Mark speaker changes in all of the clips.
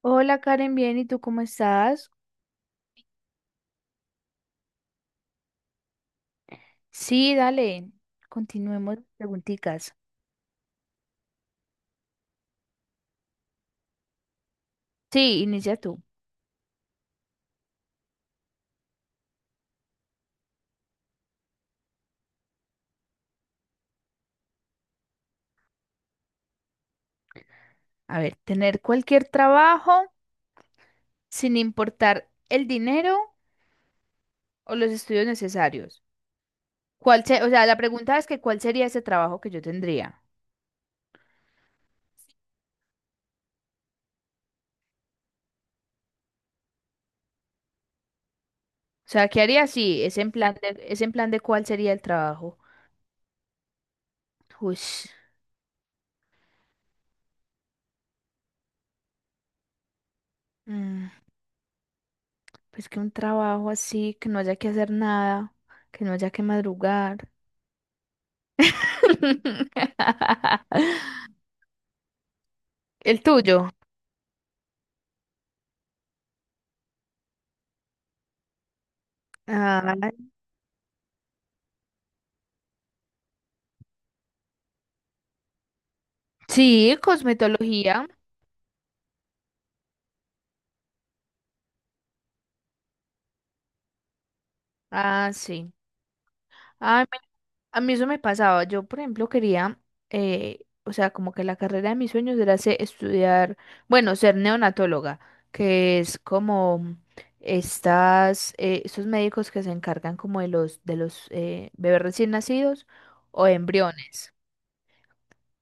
Speaker 1: Hola Karen, bien, ¿y tú cómo estás? Sí, dale, continuemos las preguntitas. Sí, inicia tú. A ver, tener cualquier trabajo sin importar el dinero o los estudios necesarios. O sea, la pregunta es, que ¿cuál sería ese trabajo que yo tendría? O sea, ¿qué haría si es en plan de, es en plan de cuál sería el trabajo? Uy, mm, pues que un trabajo así, que no haya que hacer nada, que no haya que madrugar. El tuyo. Ah, sí, cosmetología. Ah, sí. Ah, a mí eso me pasaba. Yo, por ejemplo, quería, o sea, como que la carrera de mis sueños era estudiar, bueno, ser neonatóloga, que es como estos médicos que se encargan como de los bebés recién nacidos o embriones.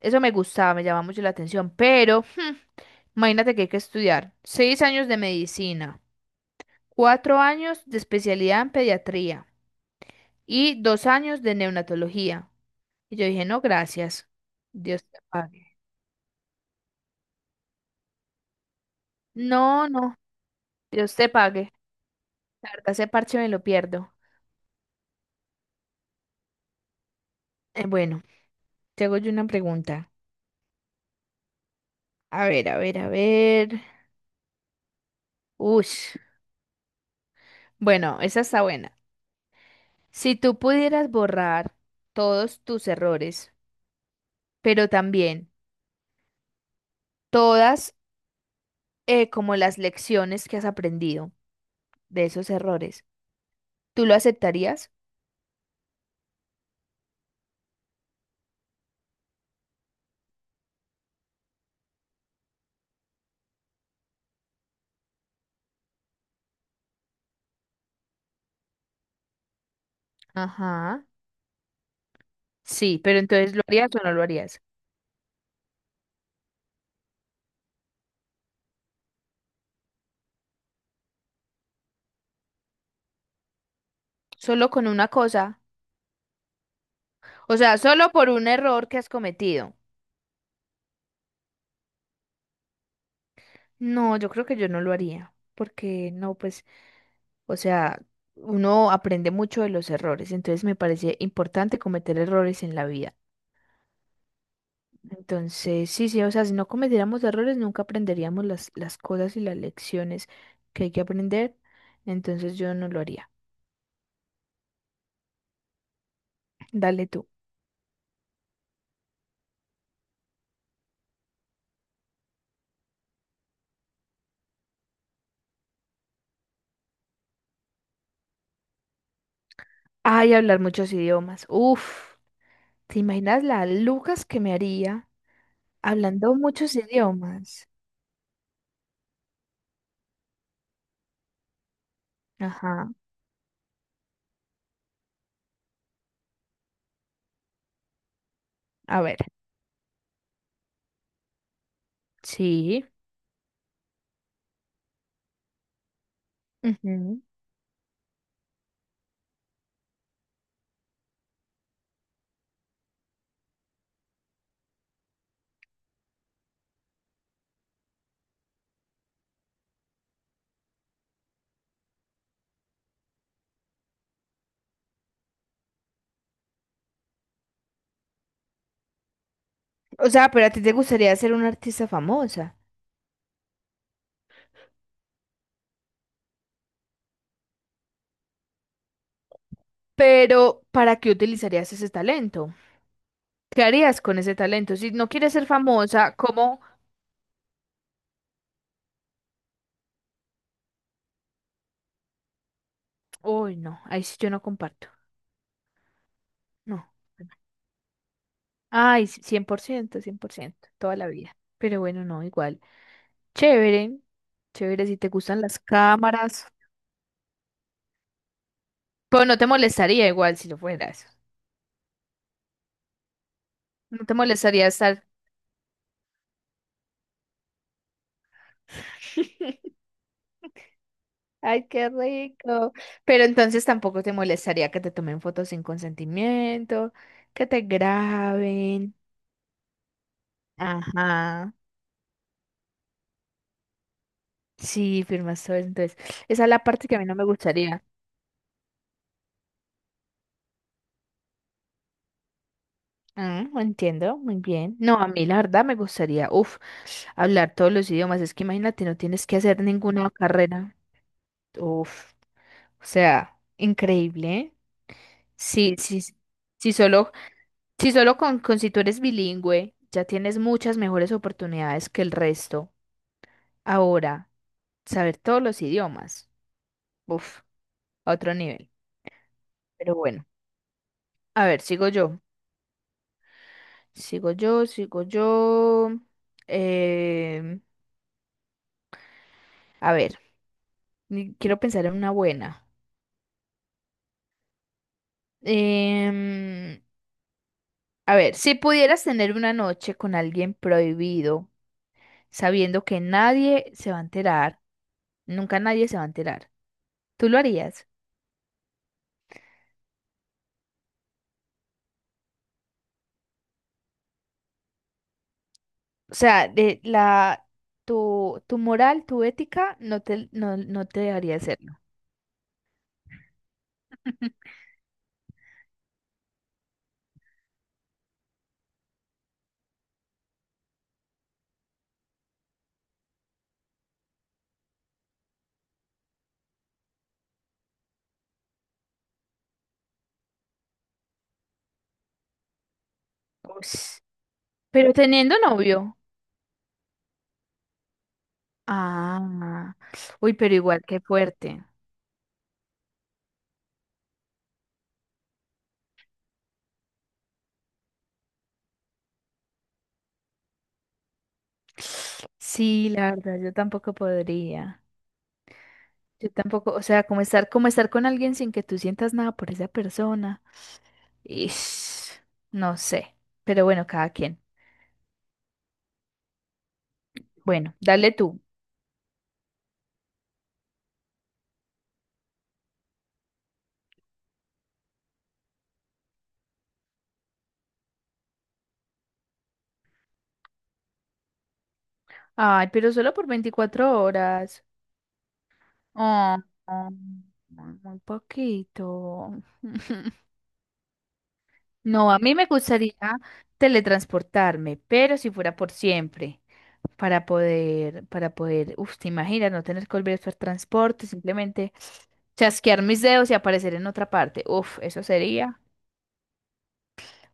Speaker 1: Eso me gustaba, me llamaba mucho la atención, pero imagínate que hay que estudiar 6 años de medicina. 4 años de especialidad en pediatría y 2 años de neonatología. Y yo dije, no, gracias. Dios te pague. No, no, Dios te pague. La verdad, ese parche me lo pierdo. Bueno, te hago yo una pregunta. A ver, a ver, a ver. Ush. Bueno, esa está buena. Si tú pudieras borrar todos tus errores, pero también todas como las lecciones que has aprendido de esos errores, ¿tú lo aceptarías? Ajá. Sí, pero entonces, ¿lo harías o no lo harías? Solo con una cosa. O sea, solo por un error que has cometido. No, yo creo que yo no lo haría. Porque no, pues, o sea, uno aprende mucho de los errores. Entonces me parece importante cometer errores en la vida. Entonces, sí, sí, o sea, si no cometiéramos errores, nunca aprenderíamos las cosas y las lecciones que hay que aprender. Entonces yo no lo haría. Dale tú. Ay, hablar muchos idiomas. Uf, ¿te imaginas las lucas que me haría? Hablando muchos idiomas. Ajá. A ver. Sí. Ujú. O sea, pero a ti te gustaría ser una artista famosa. Pero, ¿para qué utilizarías ese talento? ¿Qué harías con ese talento? Si no quieres ser famosa, ¿cómo? Uy, no. Ahí sí yo no comparto. No. Ay, sí, 100%, 100%, toda la vida. Pero bueno, no, igual. Chévere. Chévere si te gustan las cámaras. Pero no te molestaría igual si lo fueras. No te molestaría estar. Ay, qué rico. Pero entonces tampoco te molestaría que te tomen fotos sin consentimiento, que te graben. Ajá. Sí, firmas todo eso. Entonces, esa es la parte que a mí no me gustaría. Ah, entiendo, muy bien. No, a mí la verdad me gustaría, uf, hablar todos los idiomas. Es que imagínate, no tienes que hacer ninguna carrera. Uf, o sea, increíble, ¿eh? Sí, sí, sí, sí, solo, sí, solo con si tú eres bilingüe, ya tienes muchas mejores oportunidades que el resto. Ahora, saber todos los idiomas. Uf, a otro nivel. Pero bueno, a ver, sigo yo. Sigo yo, sigo yo. Em, a ver, quiero pensar en una buena. Em, a ver, si pudieras tener una noche con alguien prohibido, sabiendo que nadie se va a enterar, nunca nadie se va a enterar, ¿tú lo harías? O sea, tu moral, tu ética, no te dejaría hacerlo. Ush. Pero teniendo novio. Ah, uy, pero igual, qué fuerte. Sí, la verdad, yo tampoco podría. Yo tampoco, o sea, como estar con alguien sin que tú sientas nada por esa persona. Ish, no sé. Pero bueno, cada quien. Bueno, dale tú. Ay, pero solo por 24 horas. Oh, oh, muy muy poquito. No, a mí me gustaría teletransportarme, pero si fuera por siempre, para poder, uff, te imaginas, no tener que volver a usar transporte, simplemente chasquear mis dedos y aparecer en otra parte. Uff, eso sería.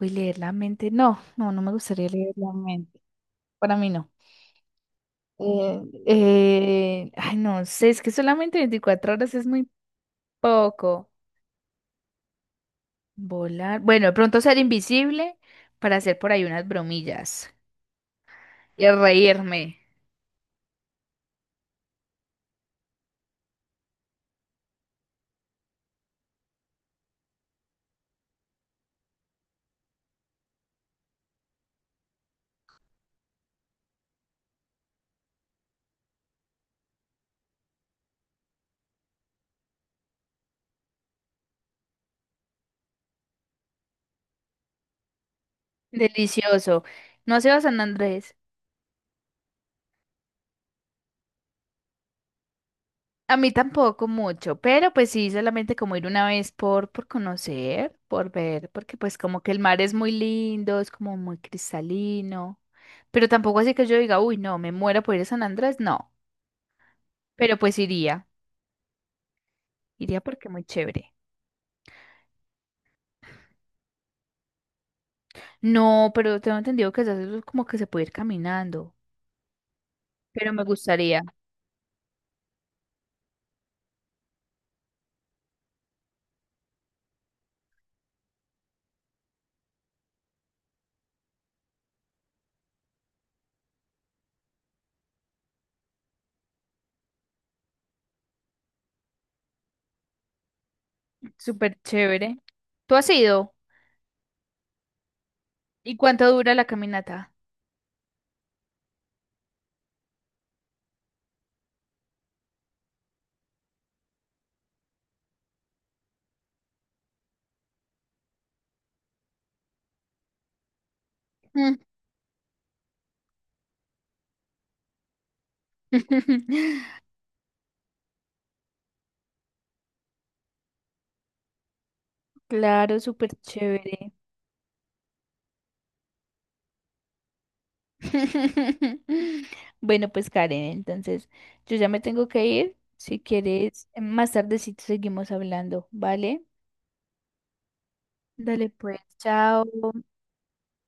Speaker 1: Uy, leer la mente, no, no, no me gustaría leer la mente. Para mí no. Eh, Ay, no sé, es que solamente 24 horas es muy poco. Volar, bueno, de pronto ser invisible para hacer por ahí unas bromillas y reírme. Delicioso. No has ido a San Andrés. A mí tampoco mucho, pero pues sí, solamente como ir una vez por conocer, por ver, porque pues como que el mar es muy lindo, es como muy cristalino, pero tampoco así que yo diga, uy, no, me muero por ir a San Andrés, no, pero pues iría, iría porque muy chévere. No, pero tengo entendido que se hace como que se puede ir caminando, pero me gustaría, súper chévere. ¿Tú has ido? ¿Y cuánto dura la caminata? Mm. Claro, súper chévere. Bueno, pues Karen, entonces yo ya me tengo que ir. Si quieres, más tardecito seguimos hablando, ¿vale? Dale pues, chao.